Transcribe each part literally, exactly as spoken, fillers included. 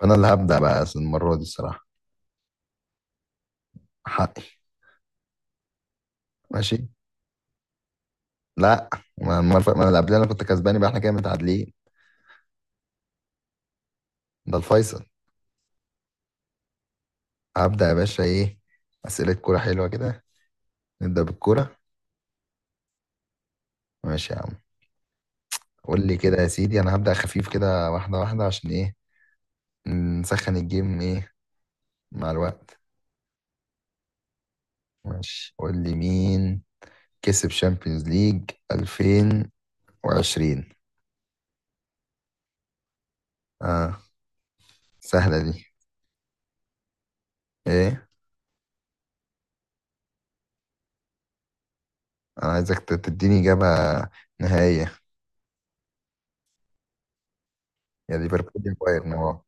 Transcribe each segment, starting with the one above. فانا اللي هبدأ بقى المرة دي الصراحة حقي. ماشي. لا، ما المرة ما اللي قبلها انا كنت كسباني بقى، احنا كده متعادلين. ده الفيصل. هبدأ يا باشا ايه، أسئلة كورة حلوة كده. نبدأ بالكورة. ماشي يا عم. قول لي كده يا سيدي، انا هبدأ خفيف كده واحدة واحدة عشان ايه؟ نسخن الجيم ايه مع الوقت. ماشي، قول لي مين كسب شامبيونز ليج ألفين وعشرين. اه سهلة دي. ايه؟ انا عايزك ت- تديني إجابة نهائية. يا ليفربول يا بايرن.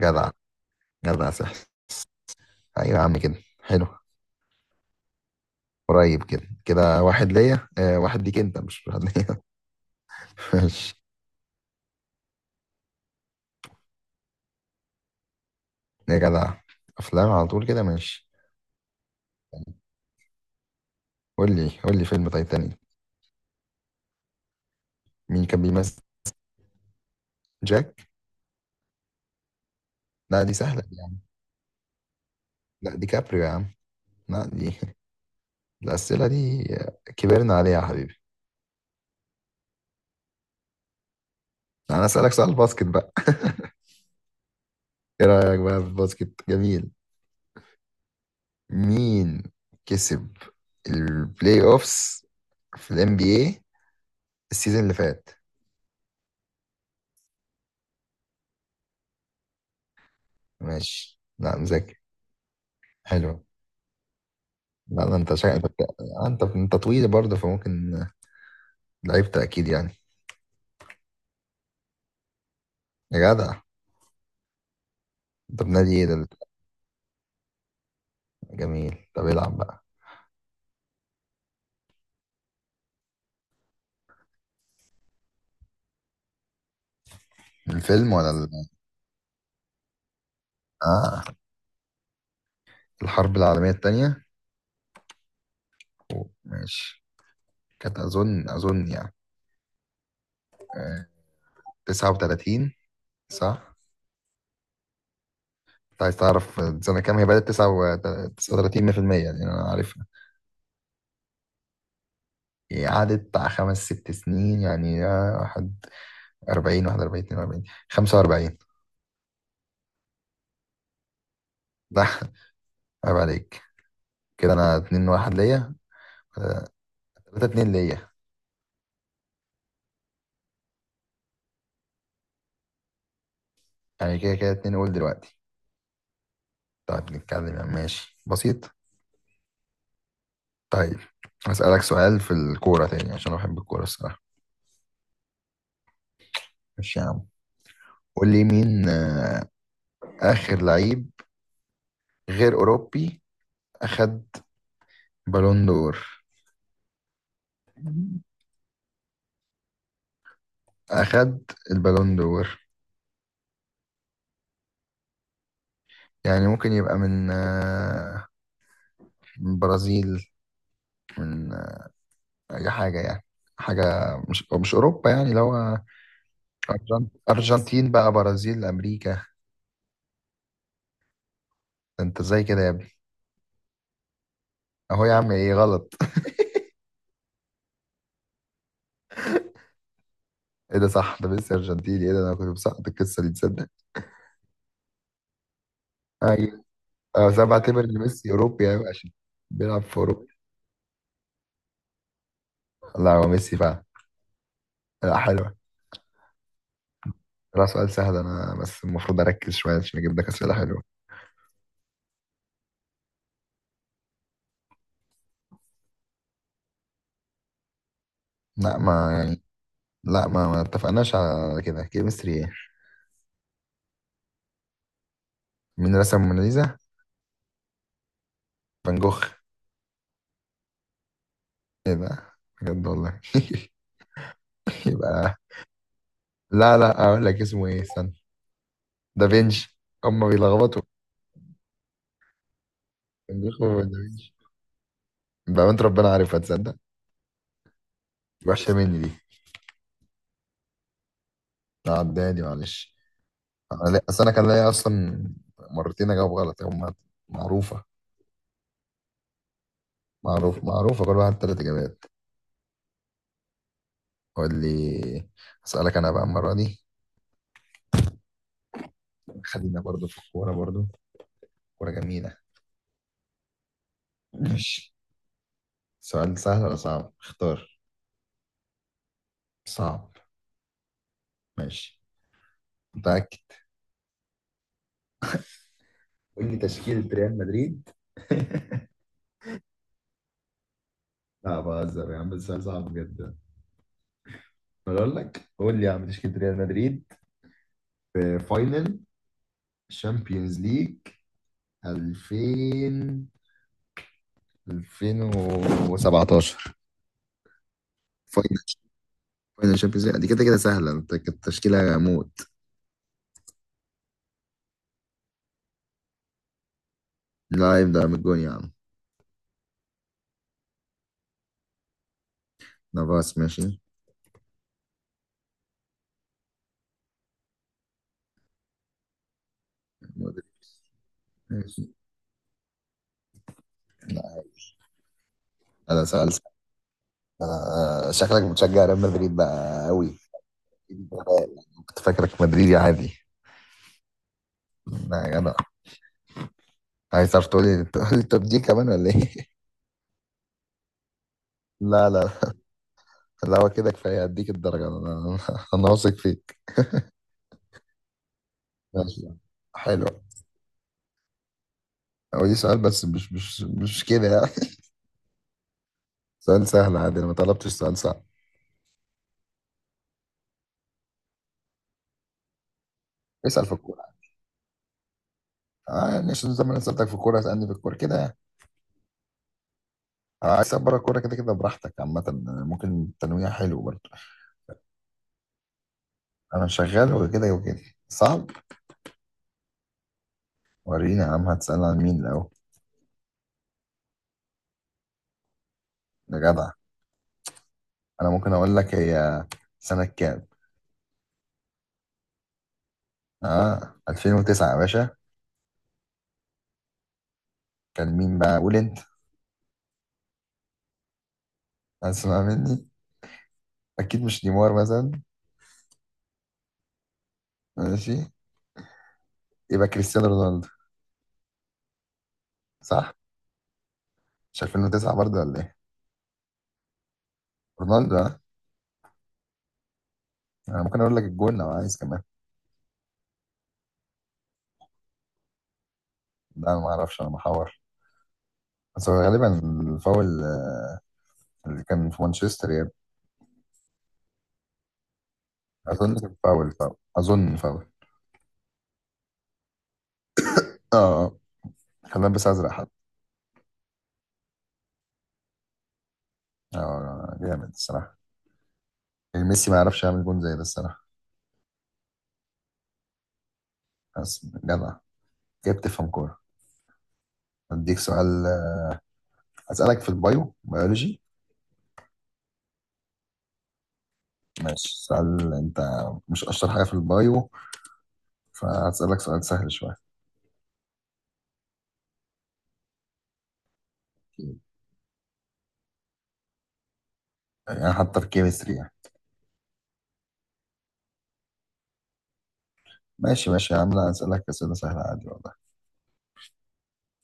جدع، جدع سحر. ايوه يا عم كده. حلو. قريب كده كده، واحد ليا آه واحد ليك انت، مش واحد ليا. ماشي. يا جدع، افلام على طول كده، ماشي. قول لي قول لي فيلم تايتانيك، مين كان بيمثل جاك. لا دي سهله دي يا عم. لا دي كابريو يا عم. لا دي الاسئله دي كبرنا عليها يا حبيبي. انا اسالك سؤال باسكت بقى. ايه رايك بقى في الباسكت، جميل. مين كسب البلاي اوفس في الام بي اي السيزون اللي فات؟ ماشي لا مذاكر. حلو. لا ده انت شا... انت بت- آه، انت انت طويل برضه فممكن لعبت اكيد يعني. يا جدع. انت بنادي ايه ده؟ جميل، طب العب بقى. الفيلم ولا ال... اه الحرب العالمية التانية. أوه، ماشي. كانت اظن اظن يعني آه، تسعة وتلاتين صح؟ انت عايز تعرف سنة كام هي بدأت. تسعة وتلاتين مية بالمية، يعني انا عارفها. هي قعدت بتاع خمس ست سنين يعني آه، واحد اربعين واحد واربعين اثنين وأربعين خمسة واربعين. لا عيب عليك. كده انا اتنين واحد ليا. تلاتة اتنين ليا. يعني كده كده اتنين، قول دلوقتي. طيب نتكلم يعني، ماشي بسيط. طيب هسألك سؤال في الكورة تاني عشان انا بحب الكورة الصراحة. ماشي يا عم. قول لي مين آه، آخر لعيب غير أوروبي أخد بالون دور، أخد البالون دور. يعني ممكن يبقى من آه، من برازيل، من آه، أي حاجة يعني. حاجة مش مش أوروبا يعني، لو أرجنت... أرجنتين بقى، برازيل، أمريكا. ده أنت إزاي كده يا. اهو يا عم، ايه غلط؟ ايه ده صح، ده ميسي ارجنتيني، ايه ده انا كنت مسقط القصه دي تصدق. ايوه أه، بس انا بعتبر ان ميسي اوروبي ايوه عشان بيلعب في اوروبا. لا هو ميسي فعلا. لا حلوه. لا سؤال سهل، انا بس المفروض اركز شويه عشان اجيب لك اسئله حلوه. لا ما يعني، لا ما, ما اتفقناش على كده، كيمستري ايه. مين رسم موناليزا؟ فان جوخ. ايه ده، بجد والله. يبقى، لا لا اقول لك اسمه ايه استنى. دافينشي. هما بيلخبطوا فان جوخ ودافينشي بقى انت، ربنا عارفها تصدق. وحشة مني دي. عداني معلش. انا لا- اصل انا كان ليا اصلا مرتين اجاوب غلط، هما معروفة. معروف، معروفة كل واحد تلات اجابات. قول لي، اسألك انا بقى المرة دي، خلينا برضو في الكورة برضو، كورة جميلة. ماشي، سؤال سهل ولا صعب، اختار. صعب. ماشي، متأكد. قول لي تشكيلة ريال مدريد. لا بهزر يا عم، السؤال صعب جدا. بقول لك قول لي يا عم تشكيلة ريال مدريد في فاينل الشامبيونز ليج ألفين ألفين وسبعتاشر. فاينل فاينل شامبيونز ليج دي كده كده سهلة، انت كانت تشكيلة موت. لا يبدأ من الجون يا عم. نافاس ماشي. مودريتش. ماشي. لا، انا سأل سأل. آه، شكلك بتشجع ريال مدريد بقى قوي. كنت فاكرك مدريدي عادي. لا يا جدع. عايز تعرف؟ تقول لي تقول لي طب دي كمان ولا ايه؟ لا لا، لا هو كده كفاية هديك الدرجة. انا انا أنا واثق فيك. ماشي يا عم. حلو. هو دي سؤال بس مش مش مش كده. سؤال سهل عادي، انا ما طلبتش سؤال صعب. اسال في الكوره. اه يعني عشان زي ما انا سالتك في الكوره اسالني في الكوره كده يعني. آه، عايز اسال بره الكوره كده كده براحتك، عامه يعني ممكن تنويع حلو برضه. انا شغال وكده وكده. صعب. وريني يا عم هتسال عن مين الاول. يا جدع. انا ممكن اقول لك هي سنه كام. اه ألفين وتسعة يا باشا. كان مين بقى، قول انت. اسمع مني، اكيد مش نيمار مثلا. ماشي، يبقى كريستيانو رونالدو. صح، مش ألفين وتسعة برضه ولا ايه. رونالدو اه. انا ممكن اقول لك الجول لو عايز كمان. لا ما اعرفش، انا محور. بس هو غالبا الفاول اللي كان في مانشستر يعني. اظن كان فاول فاول اظن فاول. اه اه، كان لابس ازرق حد. اه جامد الصراحه. يعني ميسي ما يعرفش يعمل جون زي ده الصراحه. بس جدع، كيف بتفهم كوره. اديك سؤال، اسالك في البايو بيولوجي. ماشي سؤال. انت مش اشطر حاجه في البايو فهسالك سؤال سهل شويه. يعني حتى في الكيمستري يعني. ماشي ماشي يا عم، لا اسالك اسئله سهله عادي والله.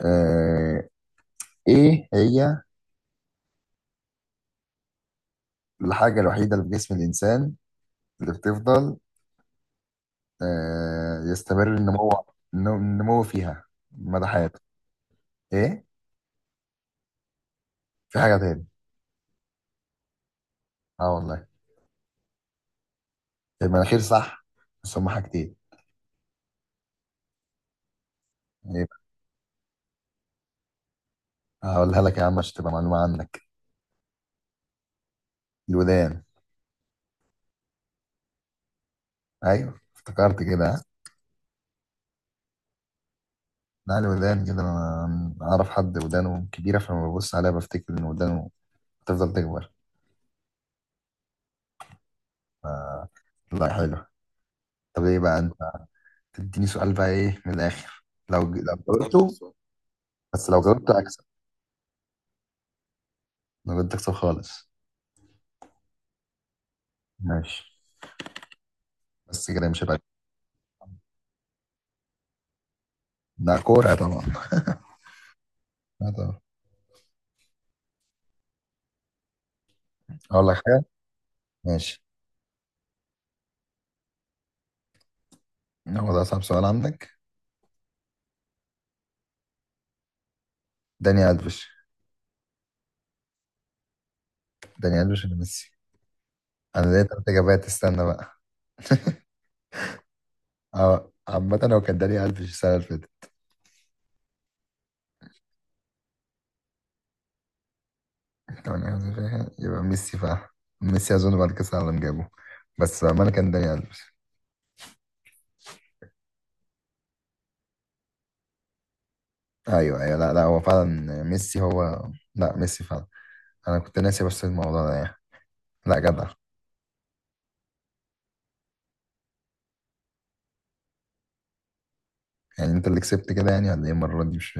آه، ايه هي الحاجة الوحيدة اللي في جسم الإنسان اللي بتفضل آه، يستمر النمو النمو النمو فيها مدى حياته؟ إيه؟ في حاجة تاني. أه والله، المناخير صح بس هما حاجتين. إيه بقى؟ هقولها لك يا عم عشان تبقى معلومة عنك. الودان. أيوه افتكرت كده، ها؟ لا الودان كده، أنا أعرف حد ودانه كبيرة فلما ببص عليها بفتكر إن ودانه بتفضل تكبر. ف- لا حلو. طب إيه بقى أنت تديني سؤال بقى، إيه من الآخر. لو لو طب جاوبته السؤال، بس لو جاوبته أكسب. ما بدك صف خالص. ماشي، بس كده مش راجع. ده كورة طبعا. لا طبعا. اقول لك حاجة. ماشي، هو ده اصعب سؤال عندك. داني ألفيش. داني ألفيش ولا ميسي. انا ليا تلات اجابات استنى بقى. اه عامة هو كان داني ألفيش السنة اللي فاتت. تمانية وعشرين فيها، يبقى ميسي فعلا. ميسي اظن بعد كاس العالم جابه، بس بأمانة كان داني ألفيش. ايوه ايوه، لا لا هو فعلا ميسي هو. لا ميسي فعلا. انا كنت ناسي بس الموضوع ده يعني. لا جدع. يعني انت اللي كسبت كده يعني ولا ايه المرة دي مش